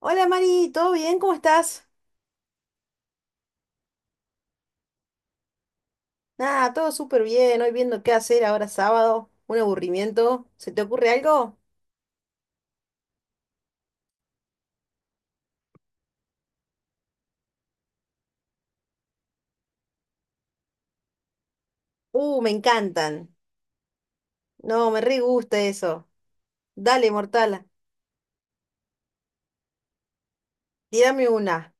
Hola Mari, ¿todo bien? ¿Cómo estás? Nada, todo súper bien. Hoy viendo qué hacer ahora sábado. Un aburrimiento. ¿Se te ocurre algo? Me encantan. No, me re gusta eso. Dale, mortal, tírame una.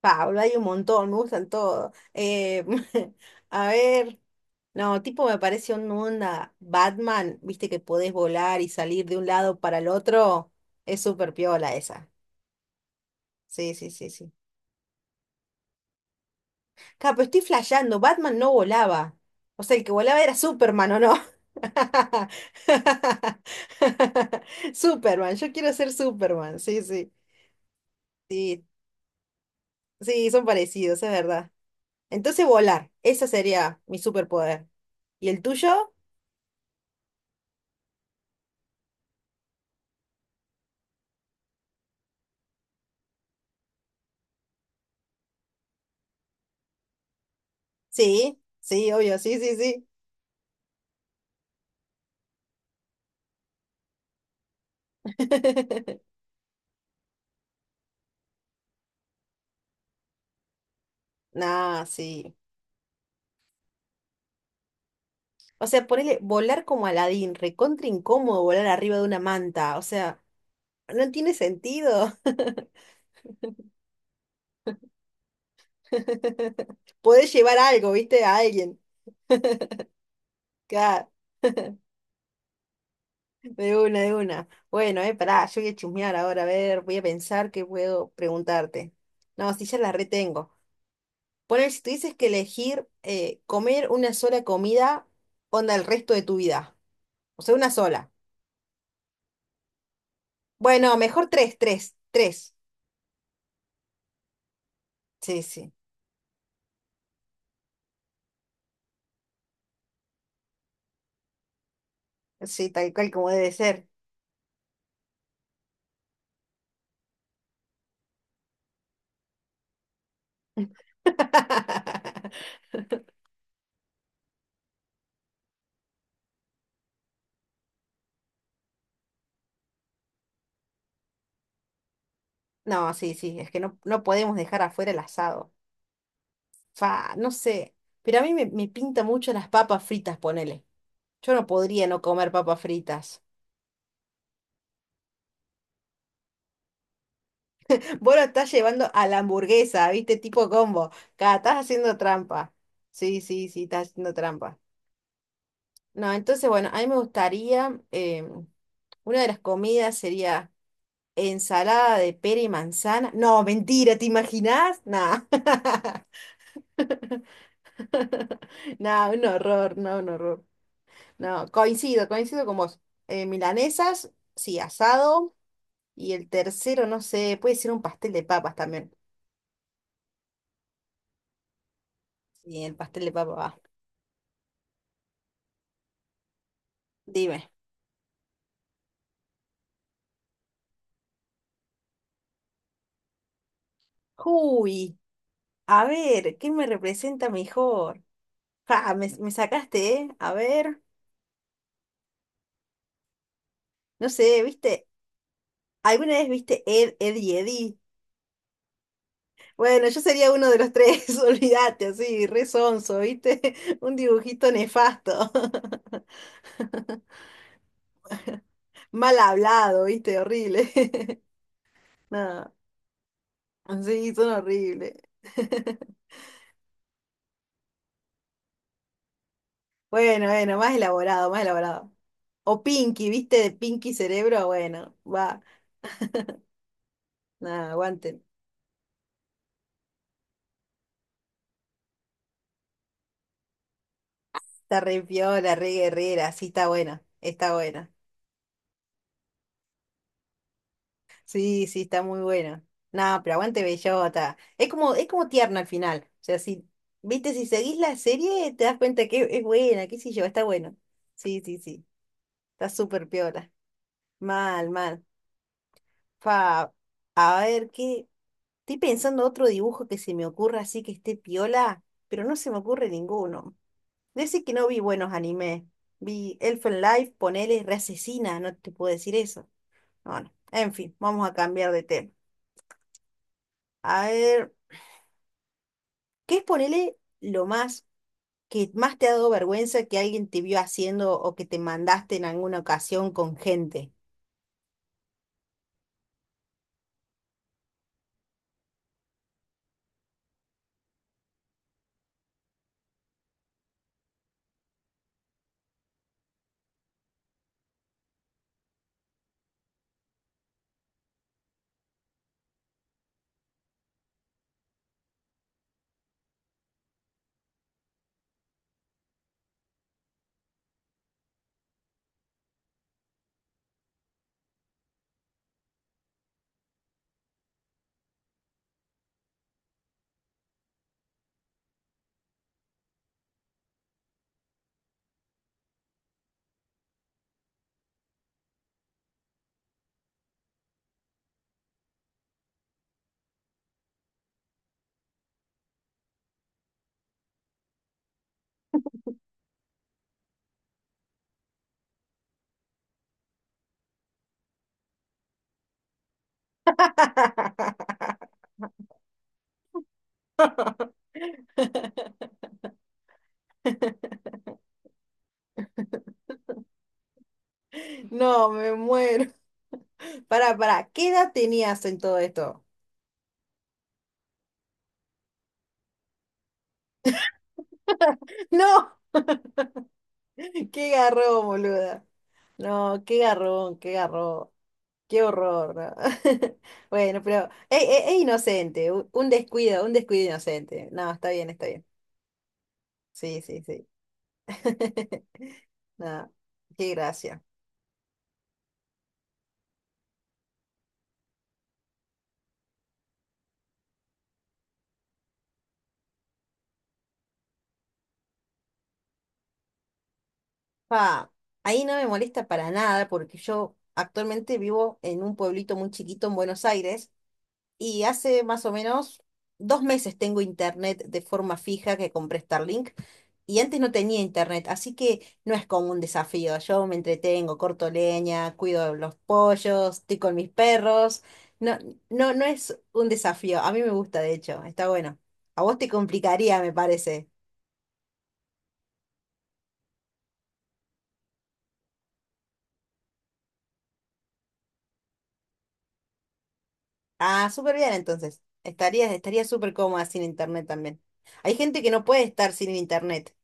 Pablo, hay un montón, me gustan todos. A ver. No, tipo me parece una onda Batman, viste que podés volar y salir de un lado para el otro. Es súper piola esa. Sí, sí, sí, sí. Ja, pero estoy flasheando, Batman no volaba. O sea, el que volaba era Superman, ¿o no? Superman, yo quiero ser Superman, sí, sí. Sí, sí, son parecidos, es verdad. Entonces volar, ese sería mi superpoder. ¿Y el tuyo? Sí, sí, obvio, sí, sí, sí. Nah, sí. O sea, ponele volar como Aladín, recontra incómodo volar arriba de una manta. O sea, no tiene sentido. Podés llevar algo, ¿viste? A alguien. Claro, de una, de una. Bueno, pará, yo voy a chusmear ahora, a ver, voy a pensar qué puedo preguntarte. No, si ya la retengo. Poner, si tuvieses que elegir comer una sola comida, onda el resto de tu vida. O sea, una sola. Bueno, mejor tres, tres, tres. Sí, sí, sí, tal cual como debe ser. No, sí, sí, es que no podemos dejar afuera el asado. Fa, no sé, pero a mí me pinta mucho las papas fritas, ponele. Yo no podría no comer papas fritas. Vos lo estás llevando a la hamburguesa, ¿viste? Tipo combo. Acá estás haciendo trampa. Sí, sí, sí, estás haciendo trampa. No, entonces, bueno, a mí me gustaría, una de las comidas sería ensalada de pera y manzana. No, mentira, ¿te imaginás? No, no, un horror, no, un horror. No, coincido, coincido con vos. Milanesas, sí, asado. Y el tercero, no sé, puede ser un pastel de papas también. Sí, el pastel de papas va. Dime. Uy. A ver, ¿qué me representa mejor? Ja, me sacaste, ¿eh? A ver, no sé, ¿viste? ¿Alguna vez viste Ed, Ed y Eddie? Bueno, yo sería uno de los tres, olvídate, así, re sonso, ¿viste? Un dibujito nefasto. Mal hablado, ¿viste? Horrible. No, sí, son horribles. Bueno, bueno, más elaborado, más elaborado. O Pinky, ¿viste? De Pinky Cerebro, bueno, va, nada, aguante. Está re piola, re guerrera, sí está buena, está buena. Sí, sí, está muy buena. No, pero aguante Bellota. Es como tierna al final. O sea, si, viste, si seguís la serie, te das cuenta que es buena, qué sé yo, está bueno. Sí, sí, sí. Está súper piola. Mal, mal. Fa, a ver qué. Estoy pensando otro dibujo que se me ocurra así que esté piola, pero no se me ocurre ninguno. Decir que no vi buenos animes. Vi Elfen Life, ponele, re asesina, no te puedo decir eso. Bueno, en fin, vamos a cambiar de tema. A ver, ¿qué es ponele lo más que más te ha dado vergüenza que alguien te vio haciendo o que te mandaste en alguna ocasión con gente? No, me muero. Pará, pará, ¿qué edad tenías en todo esto? No. Qué garrón, boluda. No, qué garrón, qué garrón. Qué horror, ¿no? Bueno, pero es inocente, u- un descuido inocente. No, está bien, está bien. Sí, sí, sí. No, qué gracia. Pa, ahí no me molesta para nada porque yo actualmente vivo en un pueblito muy chiquito en Buenos Aires. Y hace más o menos 2 meses tengo internet de forma fija que compré Starlink y antes no tenía internet, así que no es como un desafío. Yo me entretengo, corto leña, cuido los pollos, estoy con mis perros. No, no es un desafío. A mí me gusta, de hecho, está bueno. A vos te complicaría, me parece. Ah, súper bien entonces. Estarías, estaría súper cómoda sin internet también. Hay gente que no puede estar sin internet.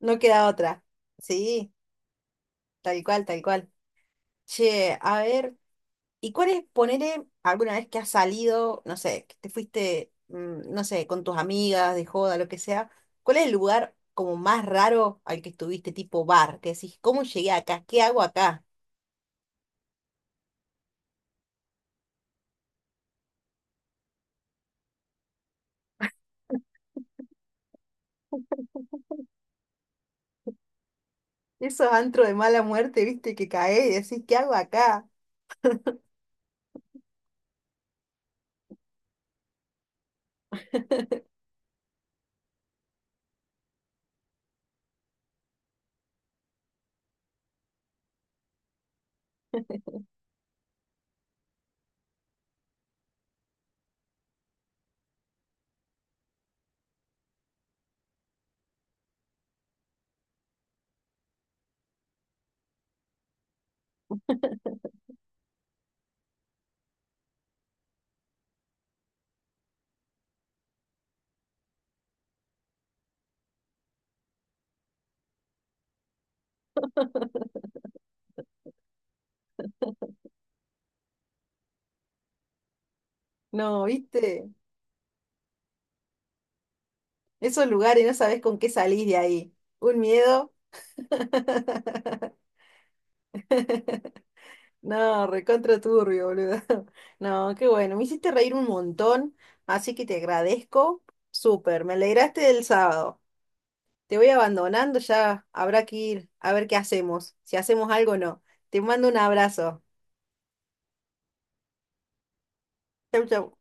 No queda otra. Sí, tal cual, tal cual. Che, a ver, ¿y cuál es, ponele, alguna vez que has salido, no sé, que te fuiste, no sé, con tus amigas, de joda, lo que sea, ¿cuál es el lugar como más raro al que estuviste, tipo bar? Que decís, ¿cómo llegué acá? ¿Qué hago acá? Esos antros de mala muerte, viste, que cae y decís, ¿qué hago acá? No, viste, esos lugares no sabés con qué salís de ahí. Un miedo. No, recontra turbio, boludo. No, qué bueno. Me hiciste reír un montón, así que te agradezco. Súper, me alegraste del sábado. Te voy abandonando, ya habrá que ir a ver qué hacemos, si hacemos algo o no. Te mando un abrazo. Chau, chau.